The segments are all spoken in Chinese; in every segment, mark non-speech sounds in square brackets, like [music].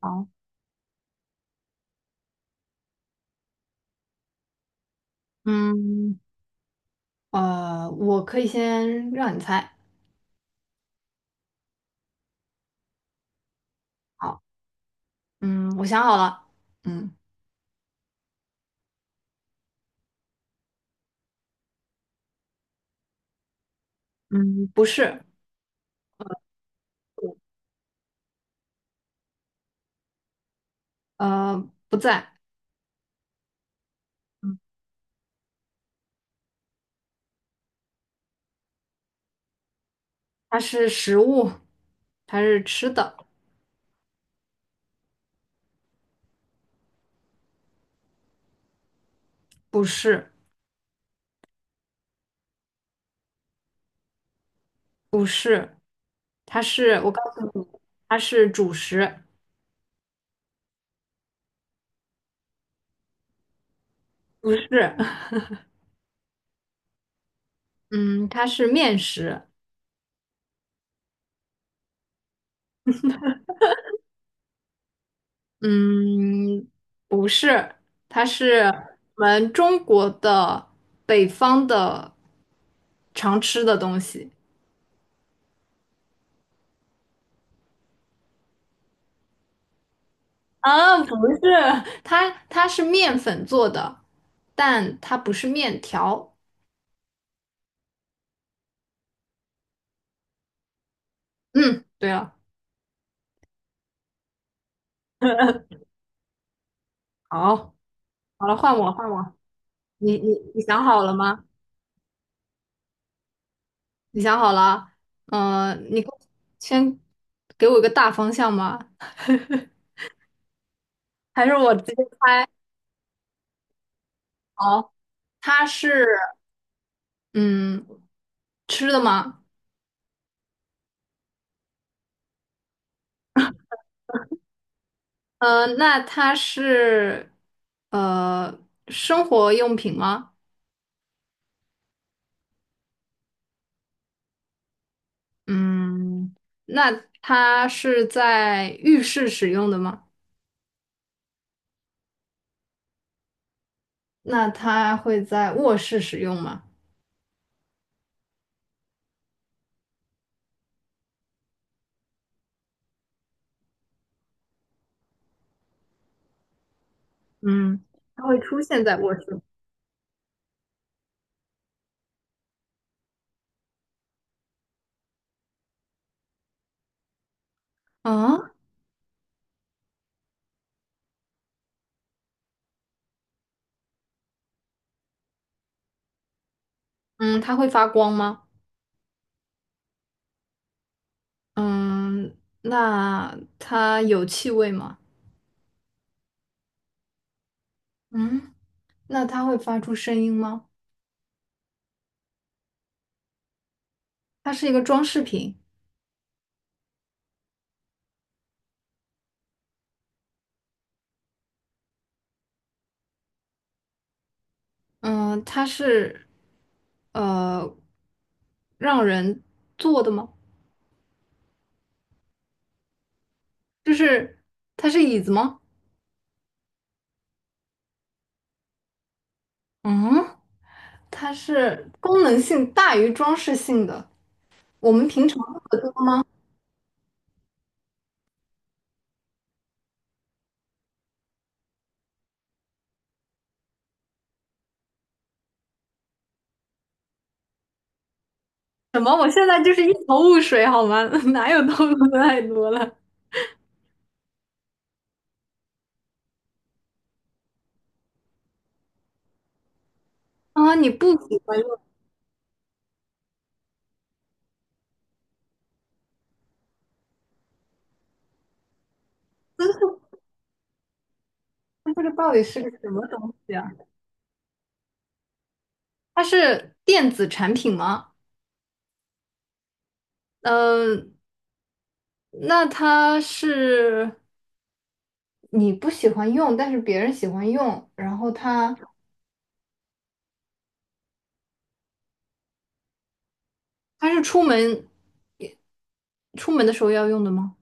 好，嗯，我可以先让你猜。好，我想好了。嗯，嗯，不是，呃，不在。嗯，它是食物，它是吃的，不是，不是，它是，我告诉你，它是主食，不是，[laughs] 嗯，它是面食，嗯，不是，它是我们中国的北方的常吃的东西。啊，不是，它是面粉做的，但它不是面条。嗯，对了，[laughs] 好，好了，换我，换我。你想好了吗？你想好了？你给我先给我一个大方向吗？还是我直接好？它是嗯吃的吗？那它是呃生活用品吗？嗯，那它是在浴室使用的吗？那它会在卧室使用吗？嗯，它会出现在卧室。嗯嗯，它会发光吗？嗯，那它有气味吗？嗯，那它会发出声音吗？它是一个装饰品。嗯，它是呃让人坐的吗？就是它是椅子吗？嗯。它是功能性大于装饰性的。我们平常什么？我现在就是一头雾水，好吗？[laughs] 哪有透露的太多了啊？你不喜欢用，那这个到底是个什么东西啊？它是电子产品吗？嗯、那它是你不喜欢用，但是别人喜欢用，然后它是出门的时候要用的吗？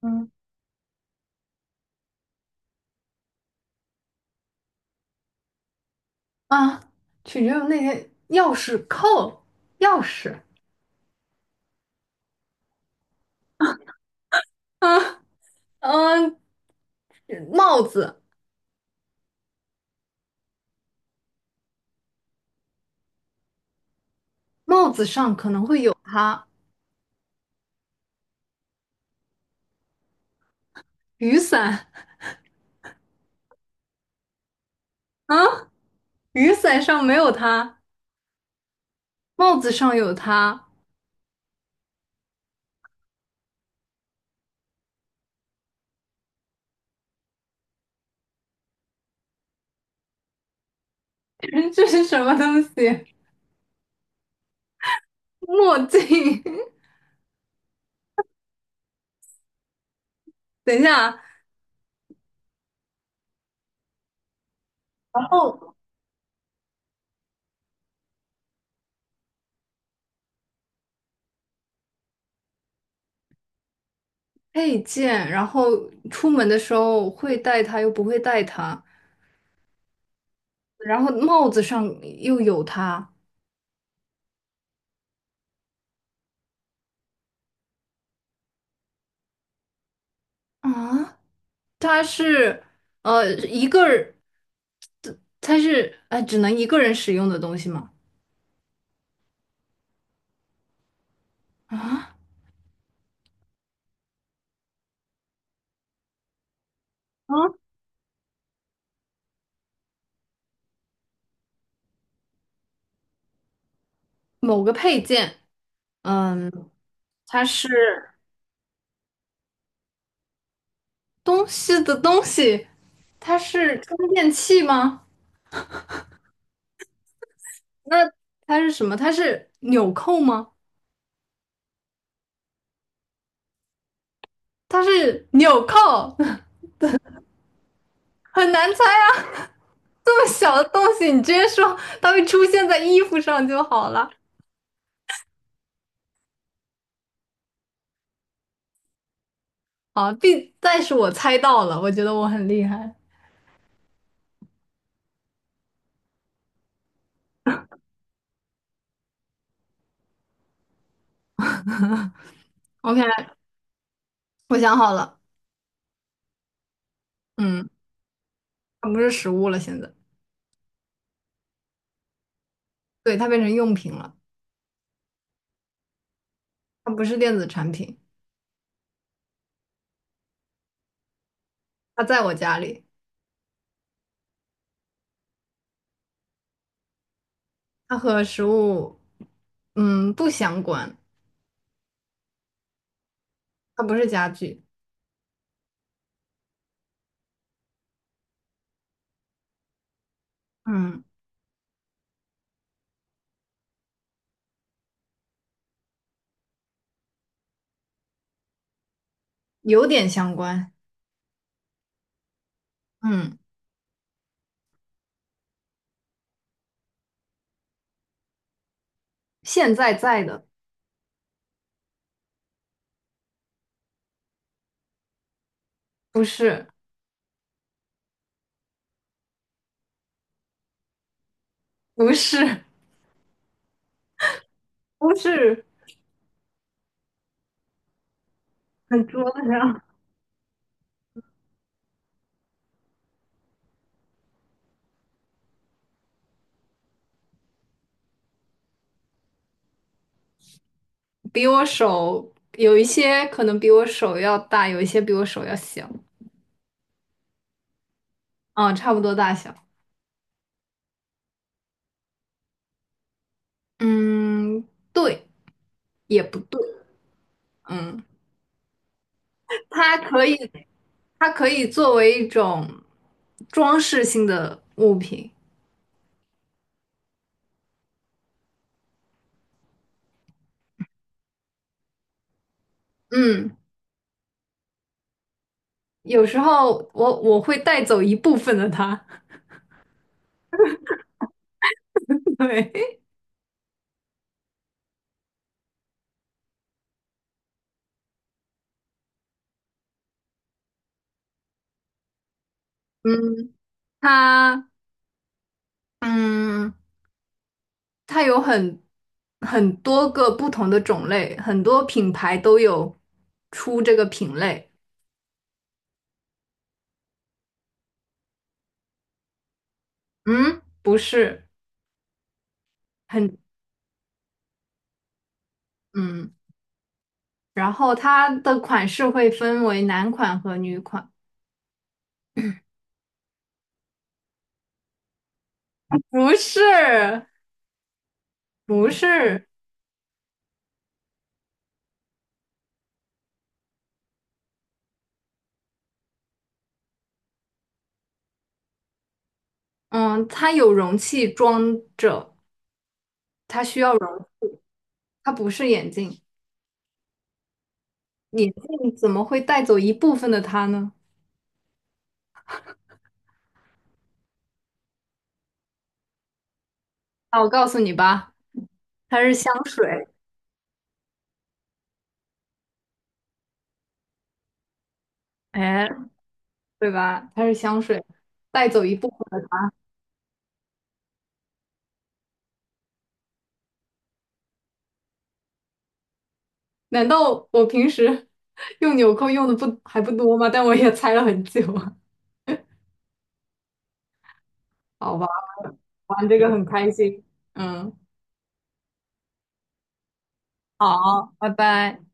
嗯，啊，取决于那些钥匙扣，钥匙。嗯嗯，帽子，帽子上可能会有它，雨伞 [laughs] 啊，雨伞上没有它，帽子上有它，[laughs] 这是什么东西？墨镜，[laughs] 等一下，然后配件，然后出门的时候会带它，又不会带它，然后帽子上又有它啊，它是呃一个人只能一个人使用的东西吗？啊啊，某个配件，嗯，它是。东西的东西，它是充电器吗？那它是什么？它是纽扣吗？它是纽扣，[laughs] 很难猜啊！[laughs] 这么小的东西，你直接说它会出现在衣服上就好了。好，必，但是我猜到了，我觉得我很厉害。OK，我想好了，嗯，它不是食物了，现在，对，它变成用品了，它不是电子产品，它在我家里，它和食物，嗯，不相关，它不是家具。嗯，有点相关。嗯，现在在的，不是，不是，不是，很桌子上，比我手有一些可能比我手要大，有一些比我手要小，差不多大小。嗯，对，也不对。嗯，它可以，它可以作为一种装饰性的物品。嗯，有时候我会带走一部分的它。[laughs] 对，嗯，它，嗯。它有很多个不同的种类，很多品牌都有出这个品类。嗯，不是很嗯，然后它的款式会分为男款和女款。不是，不是，嗯，它有容器装着，它需要容，它不是眼镜，眼镜怎么会带走一部分的它呢？那我告诉你吧，它是香水，哎，对吧？它是香水，带走一部分。的。难道我平时 [laughs] 用纽扣用的不还不多吗？但我也猜了很久啊 [laughs] 好吧，玩这个很开心。嗯，好，拜拜。